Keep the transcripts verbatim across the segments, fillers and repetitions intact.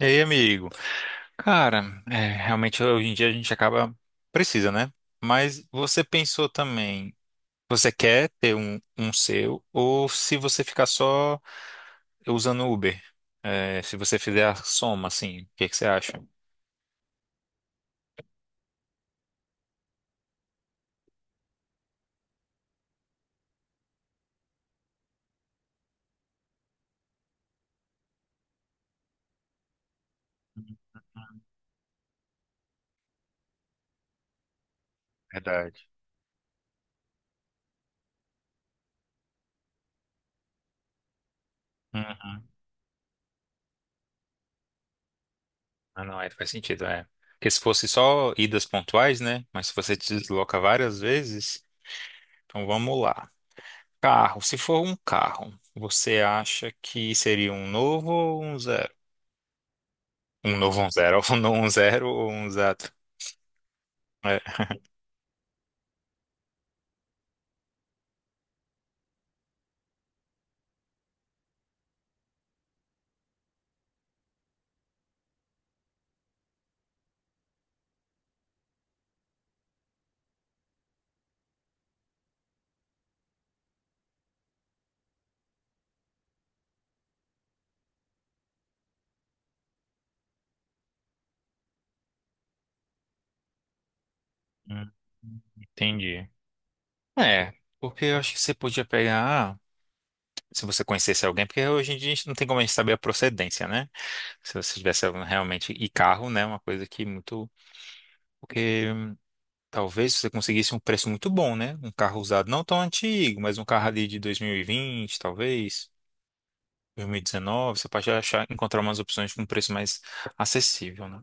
E aí, amigo? Cara, é, realmente hoje em dia a gente acaba precisa, né? Mas você pensou também, você quer ter um, um seu ou se você ficar só usando Uber? É, se você fizer a soma, assim, o que que você acha? Verdade. Uhum. Ah, não, é, faz sentido, é. Porque se fosse só idas pontuais, né? Mas se você te desloca várias vezes, então vamos lá. Carro, se for um carro, você acha que seria um novo ou um zero? Um novo, um zero, um novo, um zero ou um zero? É. Hum. Entendi. É, porque eu acho que você podia pegar, se você conhecesse alguém, porque hoje em dia a gente não tem como a gente saber a procedência, né? Se você tivesse algum- realmente, e carro, né? Uma coisa que muito. Porque talvez você conseguisse um preço muito bom, né? Um carro usado não tão antigo, mas um carro ali de dois mil e vinte, talvez, dois mil e dezenove, você pode achar, encontrar umas opções com um preço mais acessível, né?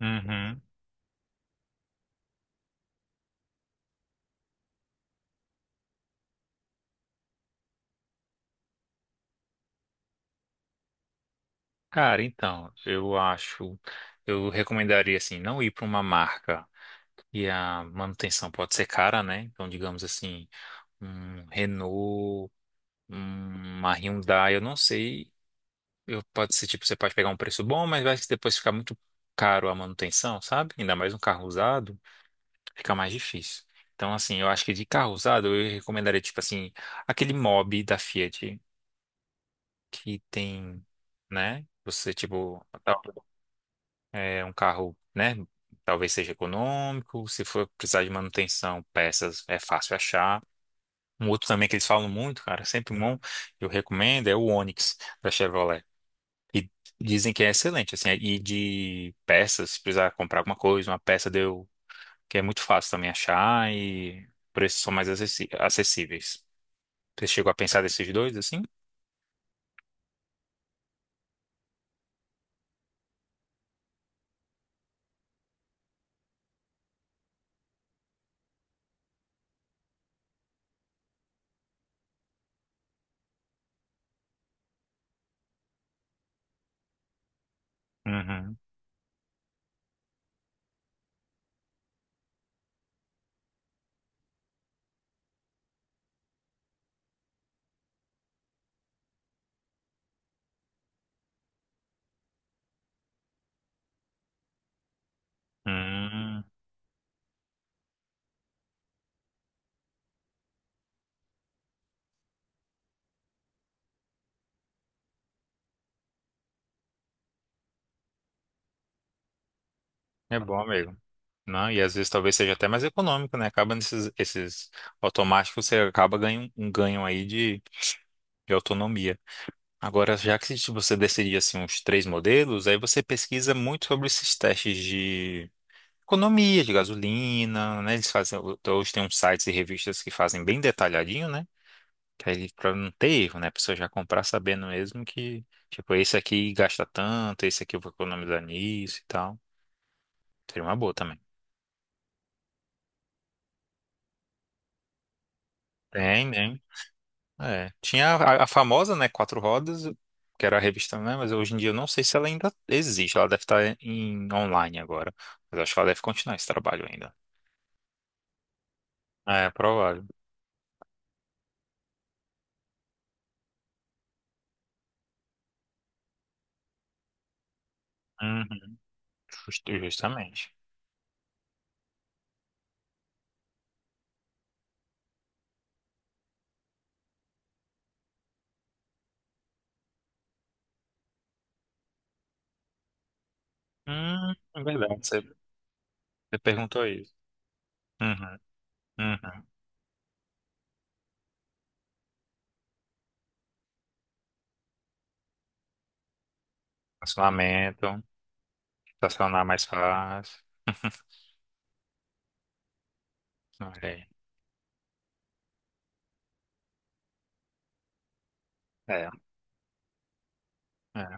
Uhum. Cara, então, eu acho, eu recomendaria assim, não ir para uma marca e a manutenção pode ser cara, né? Então, digamos assim, um Renault, uma Hyundai, eu não sei. Eu, pode ser tipo, você pode pegar um preço bom, mas vai que depois ficar muito caro a manutenção, sabe? Ainda mais um carro usado, fica mais difícil. Então, assim, eu acho que de carro usado eu recomendaria, tipo assim, aquele Mobi da Fiat que tem, né? Você, tipo, tal- é um carro, né? Talvez seja econômico, se for precisar de manutenção, peças é fácil achar. Um outro também que eles falam muito, cara, sempre bom, eu recomendo, é o Onix da Chevrolet. E dizem que é excelente, assim, e de peças, se precisar comprar alguma coisa, uma peça deu, que é muito fácil também achar e preços são mais acessi- acessíveis. Você chegou a pensar desses dois, assim? Uhum. Hum, é bom mesmo. Não, e às vezes talvez seja até mais econômico, né? Acaba nesses esses automáticos, você acaba ganhando um um ganho aí de, de autonomia. Agora, já que se você decidir assim uns três modelos, aí você pesquisa muito sobre esses testes economia de gasolina, né? Eles fazem, hoje tem uns sites e revistas que fazem bem detalhadinho, né? Que aí pra não ter erro, né? A pessoa já comprar sabendo mesmo que, tipo, esse aqui gasta tanto, esse aqui eu vou economizar nisso e tal. Seria uma boa também. Tem, tem. É. Tinha a, a famosa, né? Quatro Rodas, que era a revista, né? Mas hoje em dia eu não sei se ela ainda existe. Ela deve estar em online agora. Mas acho que ela deve continuar esse trabalho ainda. É, provável. Uhum. Justo- Justamente. Hum, é verdade. Você perguntou isso. Uhum, uhum. Estacionamento, estacionar mais fácil. Olha aí. É, é,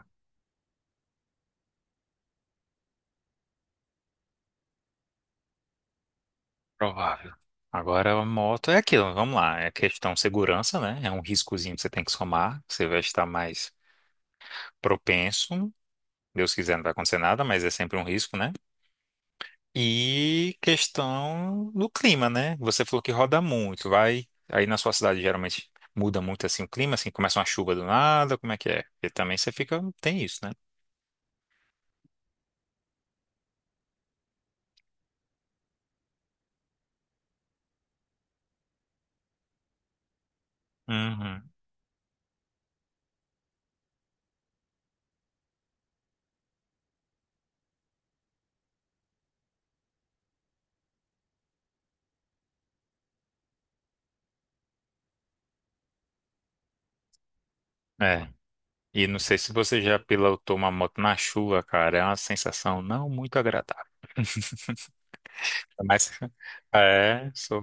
provável. Agora, a moto é aquilo, vamos lá. É questão de segurança, né? É um riscozinho que você tem que somar. Você vai estar mais propenso. Deus quiser, não vai acontecer nada, mas é sempre um risco, né? E questão do clima, né? Você falou que roda muito, vai. Aí na sua cidade geralmente muda muito assim o clima, assim, começa uma chuva do nada, como é que é? Porque também você fica, tem isso, né? Uhum. É. E não sei se você já pilotou uma moto na chuva, cara. É uma sensação não muito agradável. Mas é, sou.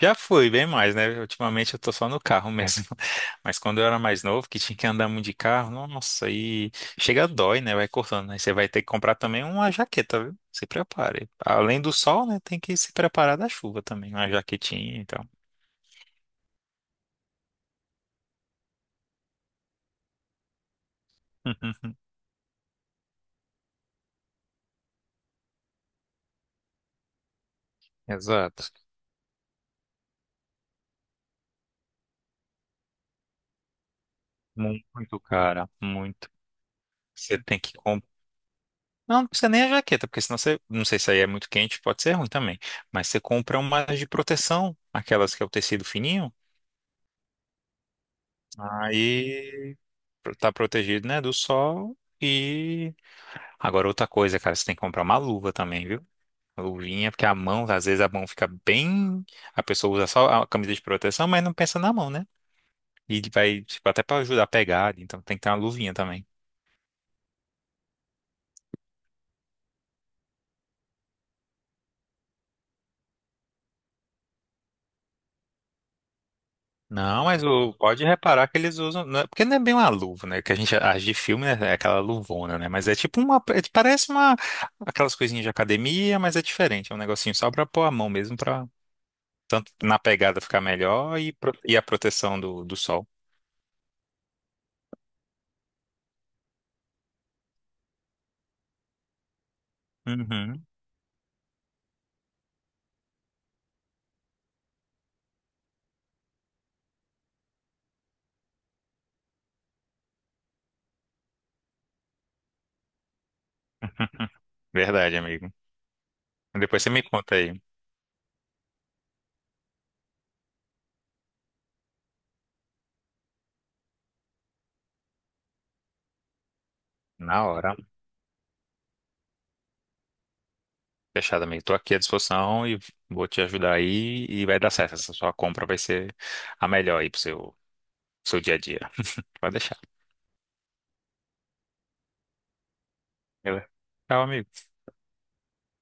Já fui bem mais, né? Ultimamente eu tô só no carro mesmo. Mas quando eu era mais novo, que tinha que andar muito de carro, nossa, aí chega dói, né? Vai cortando, né? Você vai ter que comprar também uma jaqueta, viu? Se prepare. Além do sol, né? Tem que se preparar da chuva também, uma jaquetinha e tal. Exato. Muito, cara, muito. Você tem que não, não precisa nem a jaqueta, porque senão você, não sei se aí é muito quente, pode ser ruim também. Mas você compra umas de proteção, aquelas que é o tecido fininho, aí tá protegido, né, do sol. E agora outra coisa, cara, você tem que comprar uma luva também, viu? Uma luvinha, porque a mão, às vezes a mão fica bem. A pessoa usa só a camisa de proteção, mas não pensa na mão, né? E vai, tipo, até pra ajudar a pegar, então tem que ter uma luvinha também. Não, mas o, pode reparar que eles usam, né, porque não é bem uma luva, né? Que a gente age de filme né, é aquela luvona, né? Mas é tipo uma, é- parece uma aquelas coisinhas de academia, mas é diferente, é um negocinho só pra pôr a mão mesmo pra tanto na pegada ficar melhor e, pro- e a proteção do, do sol. Uhum. Verdade, amigo. Depois você me conta aí. Na hora. Fechado, amigo. Tô aqui à disposição e vou te ajudar aí e vai dar certo. Essa sua compra vai ser a melhor aí pro seu, seu dia a dia. Pode deixar. Beleza. Tchau, amigo.